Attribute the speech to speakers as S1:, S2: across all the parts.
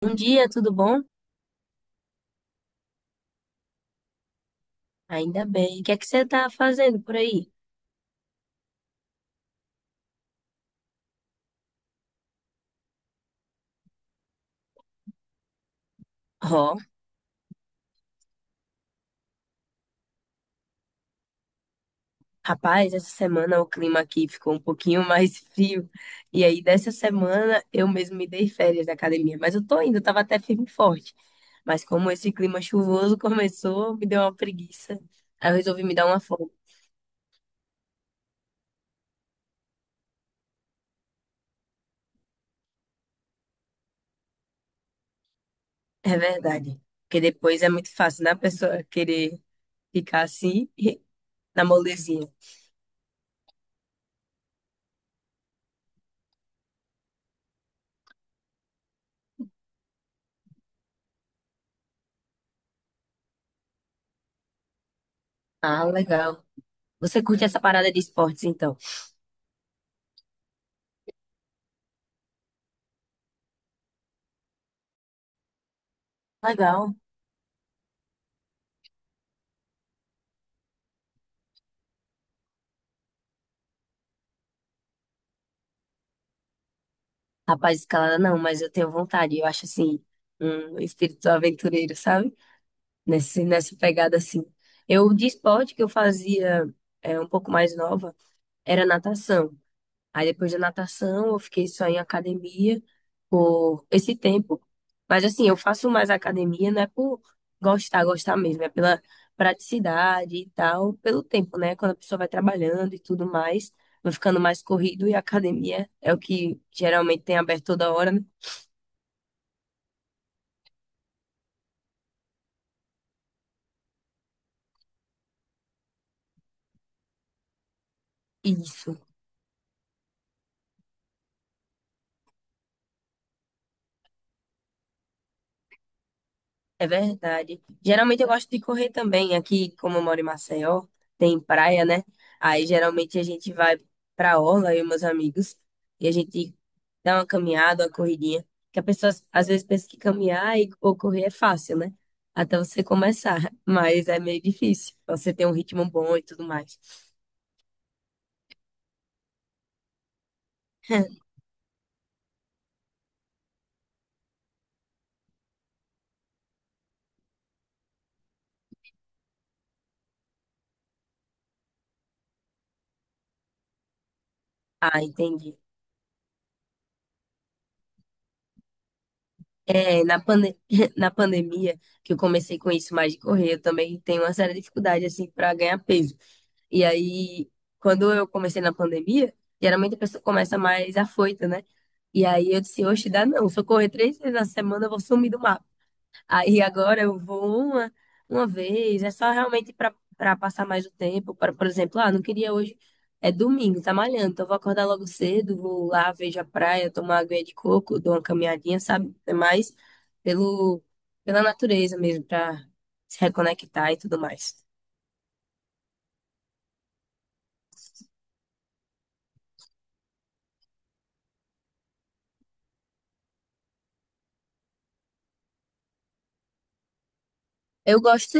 S1: Bom dia, tudo bom? Ainda bem. O que é que você tá fazendo por aí? Ó, rapaz, essa semana o clima aqui ficou um pouquinho mais frio. E aí, dessa semana, eu mesmo me dei férias da academia. Mas eu tô indo, tava até firme e forte. Mas como esse clima chuvoso começou, me deu uma preguiça. Aí eu resolvi me dar uma folga. É verdade. Porque depois é muito fácil, né? A pessoa querer ficar assim, na molezinha. Ah, legal. Você curte essa parada de esportes, então? Legal. Rapaz, escalada não, mas eu tenho vontade. Eu acho assim, um espírito aventureiro, sabe? Nessa pegada assim. Eu, de esporte que eu fazia um pouco mais nova, era natação. Aí depois da natação, eu fiquei só em academia por esse tempo. Mas assim, eu faço mais academia, não é por gostar, gostar mesmo, é pela praticidade e tal, pelo tempo, né? Quando a pessoa vai trabalhando e tudo mais, vai ficando mais corrido e a academia é o que geralmente tem aberto toda hora, né? Isso, é verdade. Geralmente eu gosto de correr também. Aqui, como eu moro em Maceió, tem praia, né? Aí geralmente a gente vai pra orla, eu e meus amigos, e a gente dá uma caminhada, uma corridinha. Que a pessoa às vezes pensa que caminhar e, ou correr é fácil, né? Até você começar, mas é meio difícil. Você tem um ritmo bom e tudo mais. Ah, entendi. É, na pande- na pandemia, que eu comecei com isso mais de correr, eu também tenho uma séria dificuldade, assim, pra ganhar peso. E aí, quando eu comecei na pandemia, geralmente a pessoa começa mais afoita, né? E aí eu disse, oxe, dá não. Se eu correr três vezes na semana, eu vou sumir do mapa. Aí agora eu vou uma vez. É só realmente para passar mais o tempo. Para, por exemplo, ah, não queria hoje. É domingo, tá malhando. Então eu vou acordar logo cedo, vou lá, vejo a praia, tomar água de coco, dou uma caminhadinha, sabe? É mais pelo, pela natureza mesmo, para se reconectar e tudo mais. Eu gosto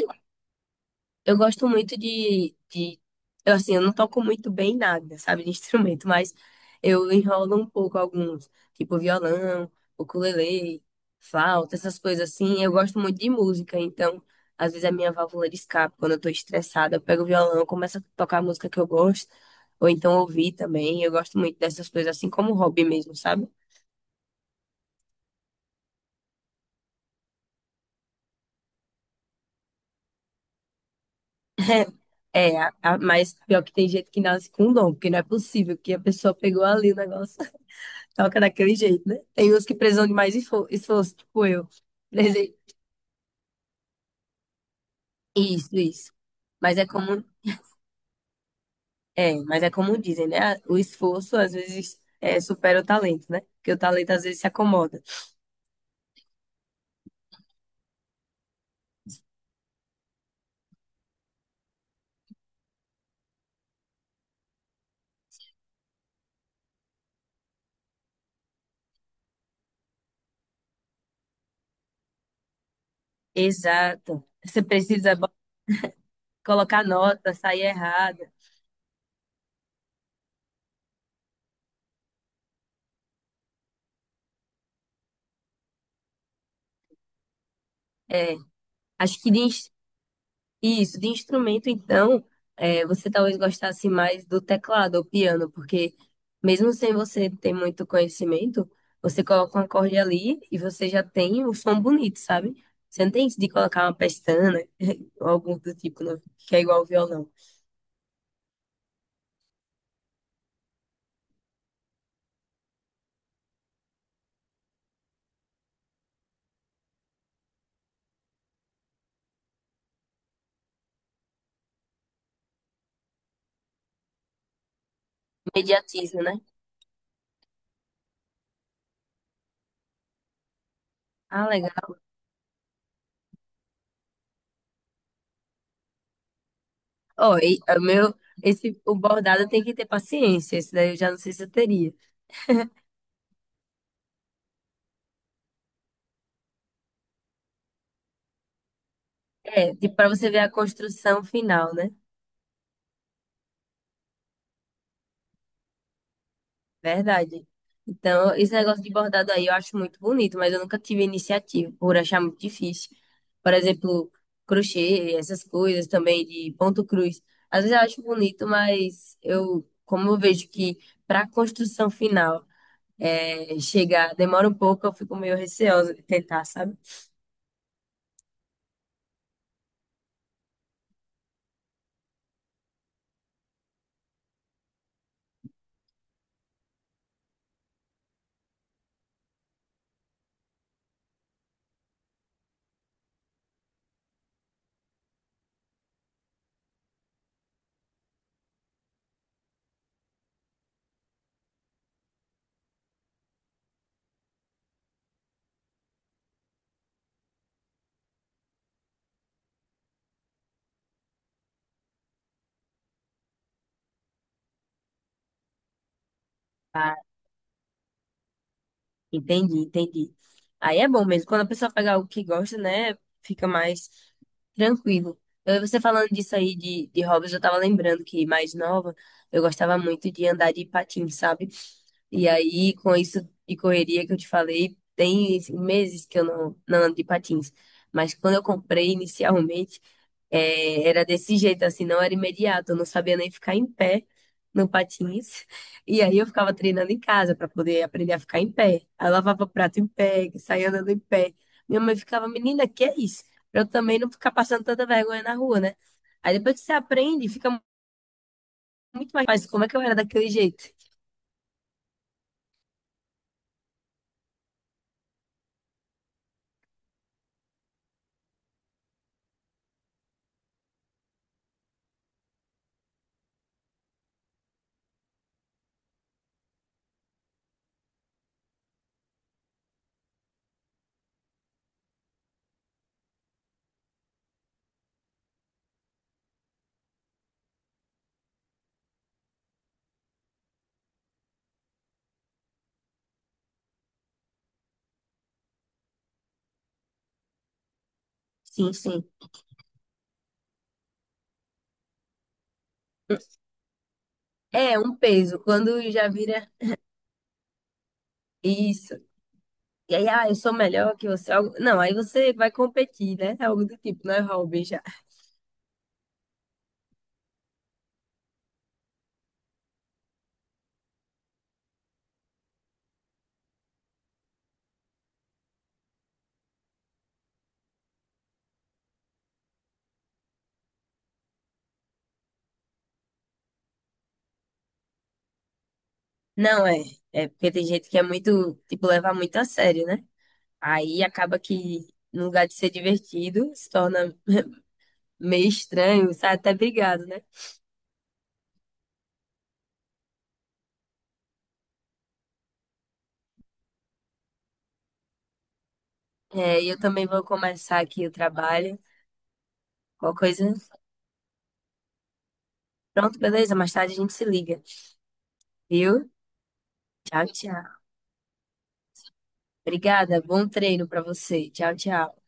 S1: Eu gosto muito de... Eu, assim, eu não toco muito bem nada, sabe, de instrumento, mas eu enrolo um pouco alguns, tipo violão, ukulele, flauta, essas coisas assim. Eu gosto muito de música, então, às vezes a minha válvula de escape, quando eu tô estressada, eu pego o violão, começo a tocar a música que eu gosto, ou então ouvir também. Eu gosto muito dessas coisas, assim como hobby mesmo, sabe? É, mas pior que tem gente que nasce com um dom, porque não é possível que a pessoa pegou ali o negócio. Toca daquele jeito, né? Tem uns que precisam de mais esforço, tipo eu. Prese- Isso, isso. Mas é como, mas é como dizem, né? O esforço às vezes supera o talento, né? Porque o talento às vezes se acomoda. Exato. Você precisa colocar nota, sair errada. É, acho que de. Isso, de instrumento, então, é, você talvez gostasse mais do teclado ou piano, porque mesmo sem você ter muito conhecimento, você coloca um acorde ali e você já tem o som bonito, sabe? Você não tem isso de colocar uma pestana ou algo do tipo, que é igual ao violão. Imediatismo, né? Ah, legal. Ó, o meu, esse, o bordado tem que ter paciência, esse daí eu já não sei se eu teria. É, tipo, pra você ver a construção final, né? Verdade. Então, esse negócio de bordado aí eu acho muito bonito, mas eu nunca tive iniciativa por achar muito difícil. Por exemplo, crochê, essas coisas também de ponto cruz. Às vezes eu acho bonito, mas eu, como eu vejo que para a construção final é chegar demora um pouco, eu fico meio receosa de tentar, sabe? Entendi, entendi. Aí é bom mesmo. Quando a pessoa pega algo que gosta, né? Fica mais tranquilo. Eu, você falando disso aí de hobbies, eu tava lembrando que mais nova, eu gostava muito de andar de patins, sabe? E aí, com isso de correria que eu te falei, tem meses que eu não ando de patins. Mas quando eu comprei inicialmente, era desse jeito, assim, não era imediato. Eu não sabia nem ficar em pé no patins. E aí eu ficava treinando em casa para poder aprender a ficar em pé. Aí eu lavava prato em pé, saía andando em pé. Minha mãe ficava, menina, que é isso? Pra eu também não ficar passando tanta vergonha na rua, né? Aí depois que você aprende, fica muito mais fácil. Como é que eu era daquele jeito? Sim, sim. É um peso. Quando já vira isso. E aí, ah, eu sou melhor que você. Não, aí você vai competir, né? É algo do tipo, não é hobby já. Não é. É porque tem gente que é muito, tipo, levar muito a sério, né? Aí acaba que, no lugar de ser divertido, se torna meio estranho, sabe? Até brigado, né? É, e eu também vou começar aqui o trabalho. Qualquer coisa. Pronto, beleza? Mais tarde a gente se liga, viu? Tchau, tchau. Obrigada. Bom treino pra você. Tchau, tchau.